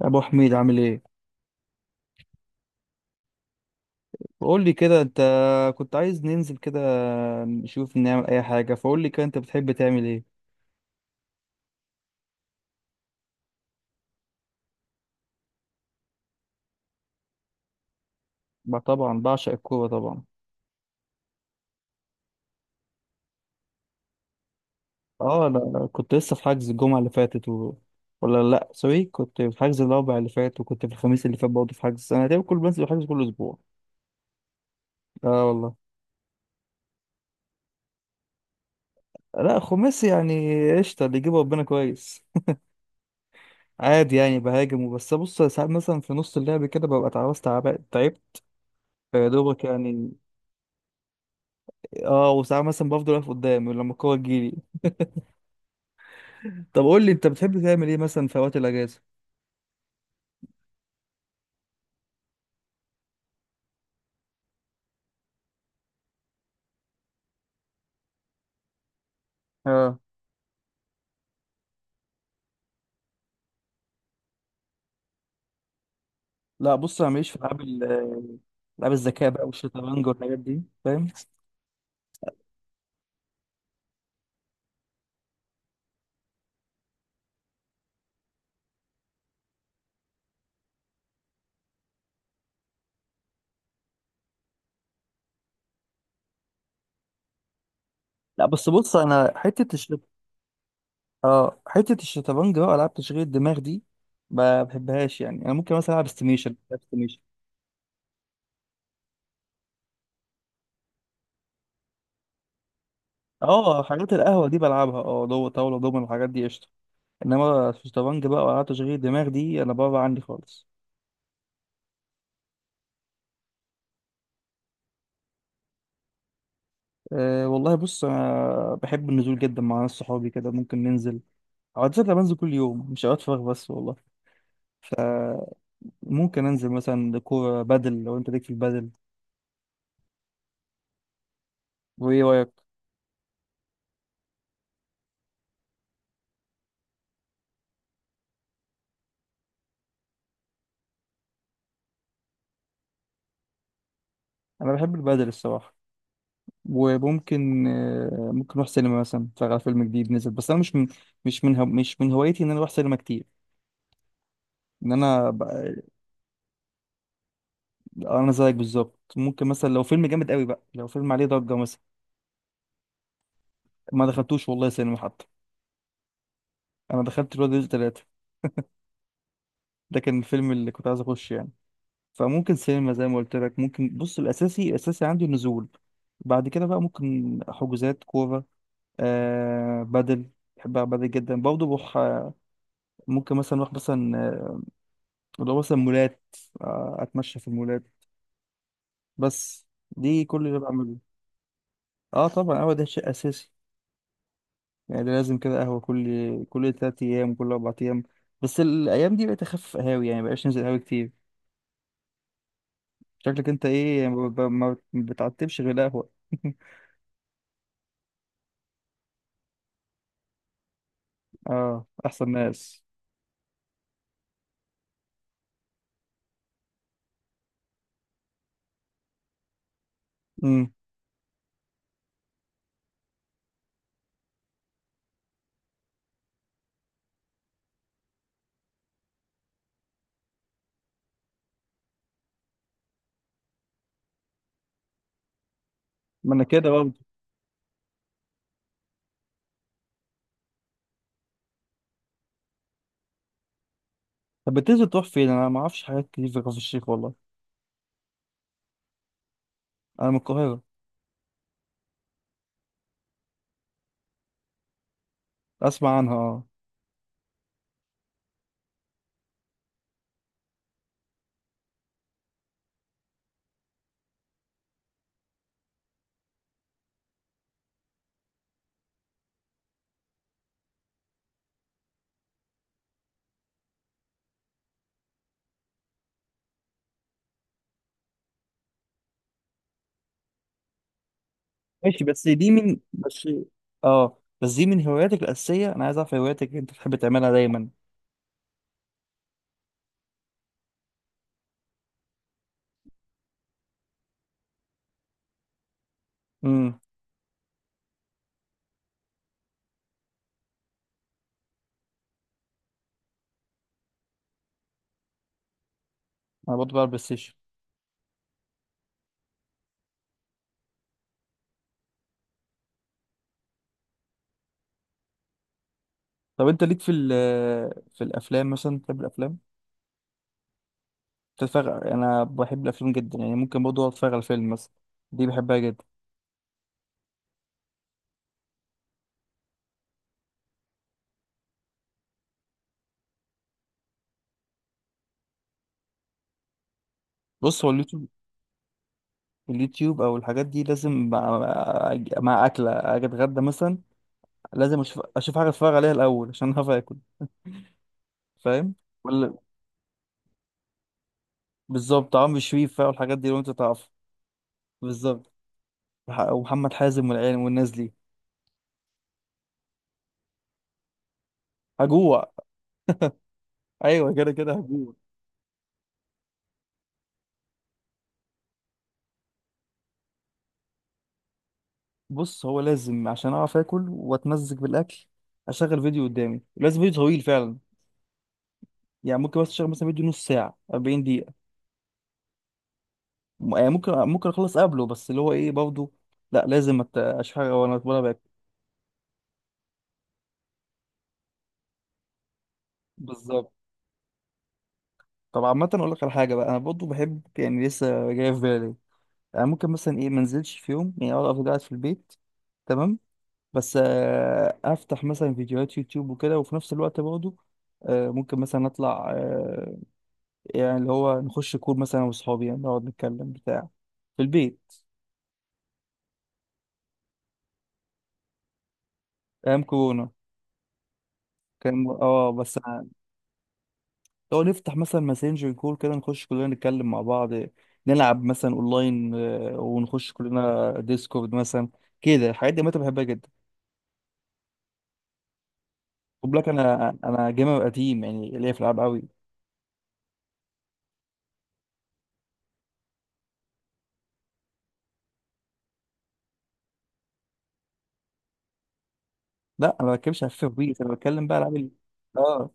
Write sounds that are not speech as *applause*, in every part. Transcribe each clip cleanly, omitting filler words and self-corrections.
يا ابو حميد، عامل ايه؟ بقول لي كده، انت كنت عايز ننزل كده نشوف نعمل اي حاجه. فقول لي كده، انت بتحب تعمل ايه؟ بقى طبعا بعشق الكوره طبعا. اه، انا كنت لسه في حجز الجمعه اللي فاتت ولا لا، سوري، كنت في حجز الاربع اللي فات وكنت في الخميس اللي فات برضه في حجز. انا تقريبا بنزل حجز كل اسبوع. اه والله. لا خماس، يعني قشطه اللي يجيبه ربنا كويس. *laughs* عادي يعني، بهاجم وبس. بص ساعات مثلا في نص اللعب كده ببقى اتعوزت، تعبت تعبت، يا دوبك يعني. اه، وساعات مثلا بفضل واقف قدام لما الكورة تجيلي. طب قول لي انت بتحب تعمل ايه مثلا في اوقات الاجازة؟ اه. لا بص انا ماليش في العاب الذكاء بقى، والشطرنج والحاجات دي، فاهم. لا بس بص انا حته الشطرنج بقى، العاب تشغيل الدماغ دي ما بحبهاش. يعني انا ممكن مثلا العب استيميشن، بلعب استيميشن. اه، حاجات القهوه دي بلعبها، اه، دو طاوله دومن والحاجات دي قشطه. انما الشطرنج بقى والعاب تشغيل الدماغ دي انا بره عني خالص. أه والله، بص، أنا بحب النزول جدا. مع ناس صحابي كده ممكن ننزل. عادة أنا بنزل كل يوم، مش أوقات فراغ بس والله. فممكن أنزل مثلا كورة بدل، لو أنت ليك في البدل. وإيه رأيك؟ أنا بحب البدل الصراحة. وممكن أه ممكن نروح سينما مثلا، نتفرج على فيلم جديد نزل، بس أنا مش من، مش من هو مش من هوايتي إن أنا أروح سينما كتير. إن أنا ب... أنا زيك بالظبط. ممكن مثلا لو فيلم جامد قوي بقى، لو فيلم عليه ضجة مثلا. ما دخلتوش والله سينما حتى. أنا دخلت الواد الثلاثة، ده كان الفيلم اللي كنت عايز اخش يعني. فممكن سينما زي ما قلت لك ممكن. بص، الاساسي الاساسي عندي النزول، بعد كده بقى ممكن حجوزات كوره، آه بدل. بحب ألعب بدل جدا برضه. بروح ممكن مثلا اروح مثلا اللي هو مثلا مولات، اتمشى في المولات بس. دي كل اللي بعمله. اه طبعا، هو ده شيء اساسي. يعني ده لازم، كده قهوه كل تلات ايام كل اربع ايام. بس الايام دي بقيت اخفف قهاوي، يعني مبقاش ننزل قهاوي كتير. شكلك انت ايه، ما بتعتبش غير قهوه. *laughs* اه، احسن ناس. امم، ما انا كده برضه. طب بتنزل تروح فين؟ انا ما اعرفش حاجات كتير في كفر الشيخ والله. انا من القاهره. اسمع عنها، اه. ماشي، بس دي من هواياتك الاساسيه؟ انا عايز اعرف هواياتك اللي انت بتحب تعملها دايما. امم. انا برضه بلعب بلاي ستيشن. طب انت ليك في في الافلام مثلا؟ بتحب الافلام تتفرج؟ انا بحب الافلام جدا. يعني ممكن برضه أقعد اتفرج على فيلم مثلا، دي بحبها جدا. بص هو اليوتيوب، اليوتيوب او الحاجات دي لازم مع، مع اكله. اجي اتغدى مثلا، لازم اشوف حاجه اتفرج عليها الاول عشان هعرف اكل، فاهم ولا. بالظبط، عمرو شريف بقى والحاجات دي لو انت تعرف. بالظبط، ومحمد حازم والعيال والناس دي. هجوع. ايوه كده كده هجوع. بص هو لازم عشان اعرف اكل واتمزج بالاكل اشغل فيديو قدامي، لازم فيديو طويل فعلا. يعني ممكن بس اشغل مثلا فيديو نص ساعه 40 دقيقه، يعني ممكن اخلص قبله، بس اللي هو ايه برضه، لا لازم اشوف حاجه وانا باكل. بالظبط. طب عامة أقول لك على حاجة بقى، أنا برضه بحب يعني، لسه جاي في بالي. انا ممكن مثلا ايه، منزلش في يوم، يعني اقعد افضل قاعد في البيت، تمام، بس افتح مثلا فيديوهات يوتيوب وكده، وفي نفس الوقت برضه ممكن مثلا اطلع، يعني اللي هو نخش كور مثلا واصحابي، يعني نقعد نتكلم بتاع في البيت. ايام كورونا كان، اه، بس لو نفتح مثلا ماسنجر كور كده، نخش كلنا نتكلم مع بعض، نلعب مثلا اونلاين، ونخش كلنا ديسكورد مثلا. كده الحاجات دي متى بحبها جدا. خد بالك انا جيمر قديم، يعني ليا في الالعاب قوي. لا انا ما بتكلمش على فيفا وبيس، انا بتكلم بقى العاب اه.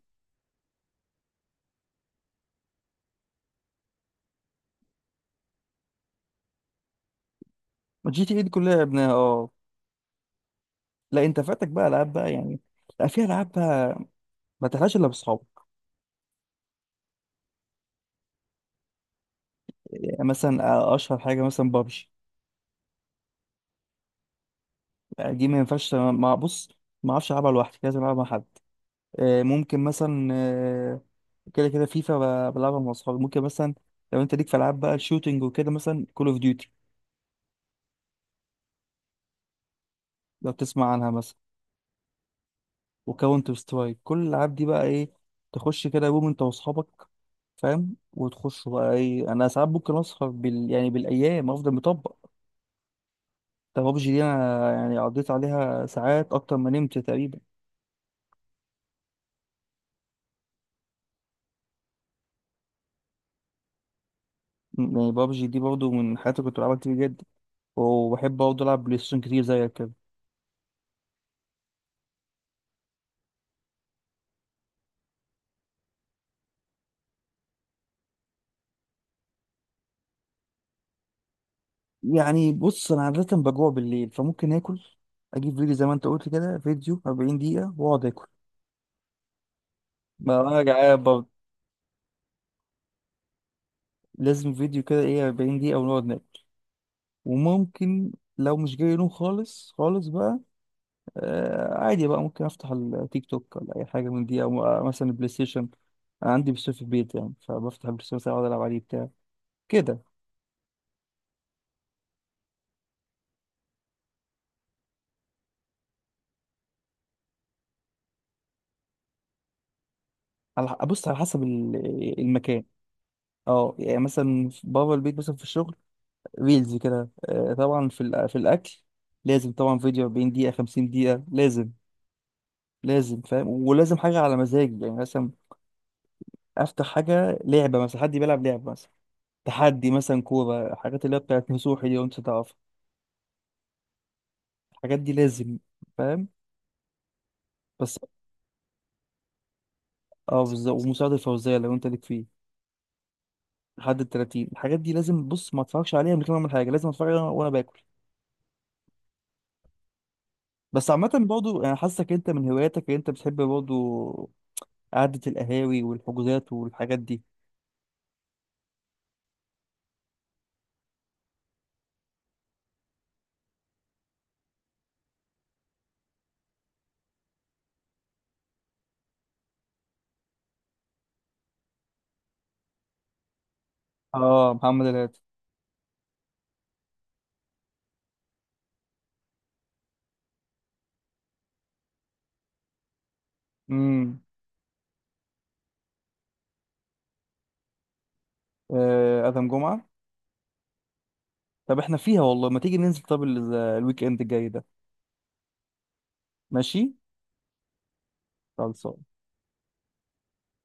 جي تي اي دي كلها لعبناها اه. لا انت فاتك بقى العاب بقى يعني. لا في العاب بقى ما تلعبش الا باصحابك. يعني مثلا اشهر حاجه مثلا بابجي. دي ما ينفعش، مع بص ما اعرفش العبها لوحدي، لازم العبها مع حد. آه، ممكن مثلا آه، كده كده فيفا، بلعبها مع اصحابي ممكن مثلا. لو انت ليك في العاب بقى الشوتينج وكده، مثلا كول اوف ديوتي لو تسمع عنها مثلا، وكاونتر سترايك، كل الالعاب دي بقى ايه، تخش كده يوم انت واصحابك. فاهم، وتخش بقى ايه، انا ساعات ممكن اسهر يعني بالايام افضل مطبق. ده بابجي دي انا يعني قضيت عليها ساعات اكتر ما نمت تقريبا. يعني بابجي دي برضو من حياتي كنت بلعبها كتير جدا، وبحب برضه العب بلاي ستيشن كتير زيك كده. يعني بص انا عادة بجوع بالليل، فممكن اكل اجيب فيديو زي ما انت قلت كده، فيديو 40 دقيقة واقعد اكل. ما انا جعان برضه، لازم فيديو كده ايه، 40 دقيقة ونقعد ناكل. وممكن لو مش جاي نوم خالص خالص بقى، عادي بقى ممكن افتح التيك توك ولا اي حاجه من دي، او مثلا البلاي ستيشن. انا عندي بلاي ستيشن في البيت، يعني فبفتح البلاي ستيشن مثلا اقعد العب عليه بتاع كده. على على حسب المكان. اه، يعني مثلا بابا البيت مثلا في الشغل ريلز كده، طبعا في في الاكل لازم طبعا فيديو 40 دقيقه 50 دقيقه لازم، لازم فاهم، ولازم حاجه على مزاجي. يعني مثلا افتح حاجه لعبه مثلا، حد بيلعب لعبه مثلا تحدي مثلا كوره، حاجات اللي هي بتاعت نصوحي دي وانت تعرف. الحاجات دي لازم، فاهم، بس. اه بالظبط، ومساعد الفوزية لو انت ليك فيه، لحد ال 30. الحاجات دي لازم، بص ما اتفرجش عليها من غير ما اعمل حاجة، لازم اتفرج عليها وانا باكل. بس عامة برضه انا حاسك انت من هواياتك اللي انت بتحب برضه قعدة القهاوي والحجوزات والحاجات دي. اه، محمد الهادي. امم. آه، ادم جمعة. طب احنا فيها والله، ما تيجي ننزل طب الويك اند الجاي ده. ماشي. خلصان.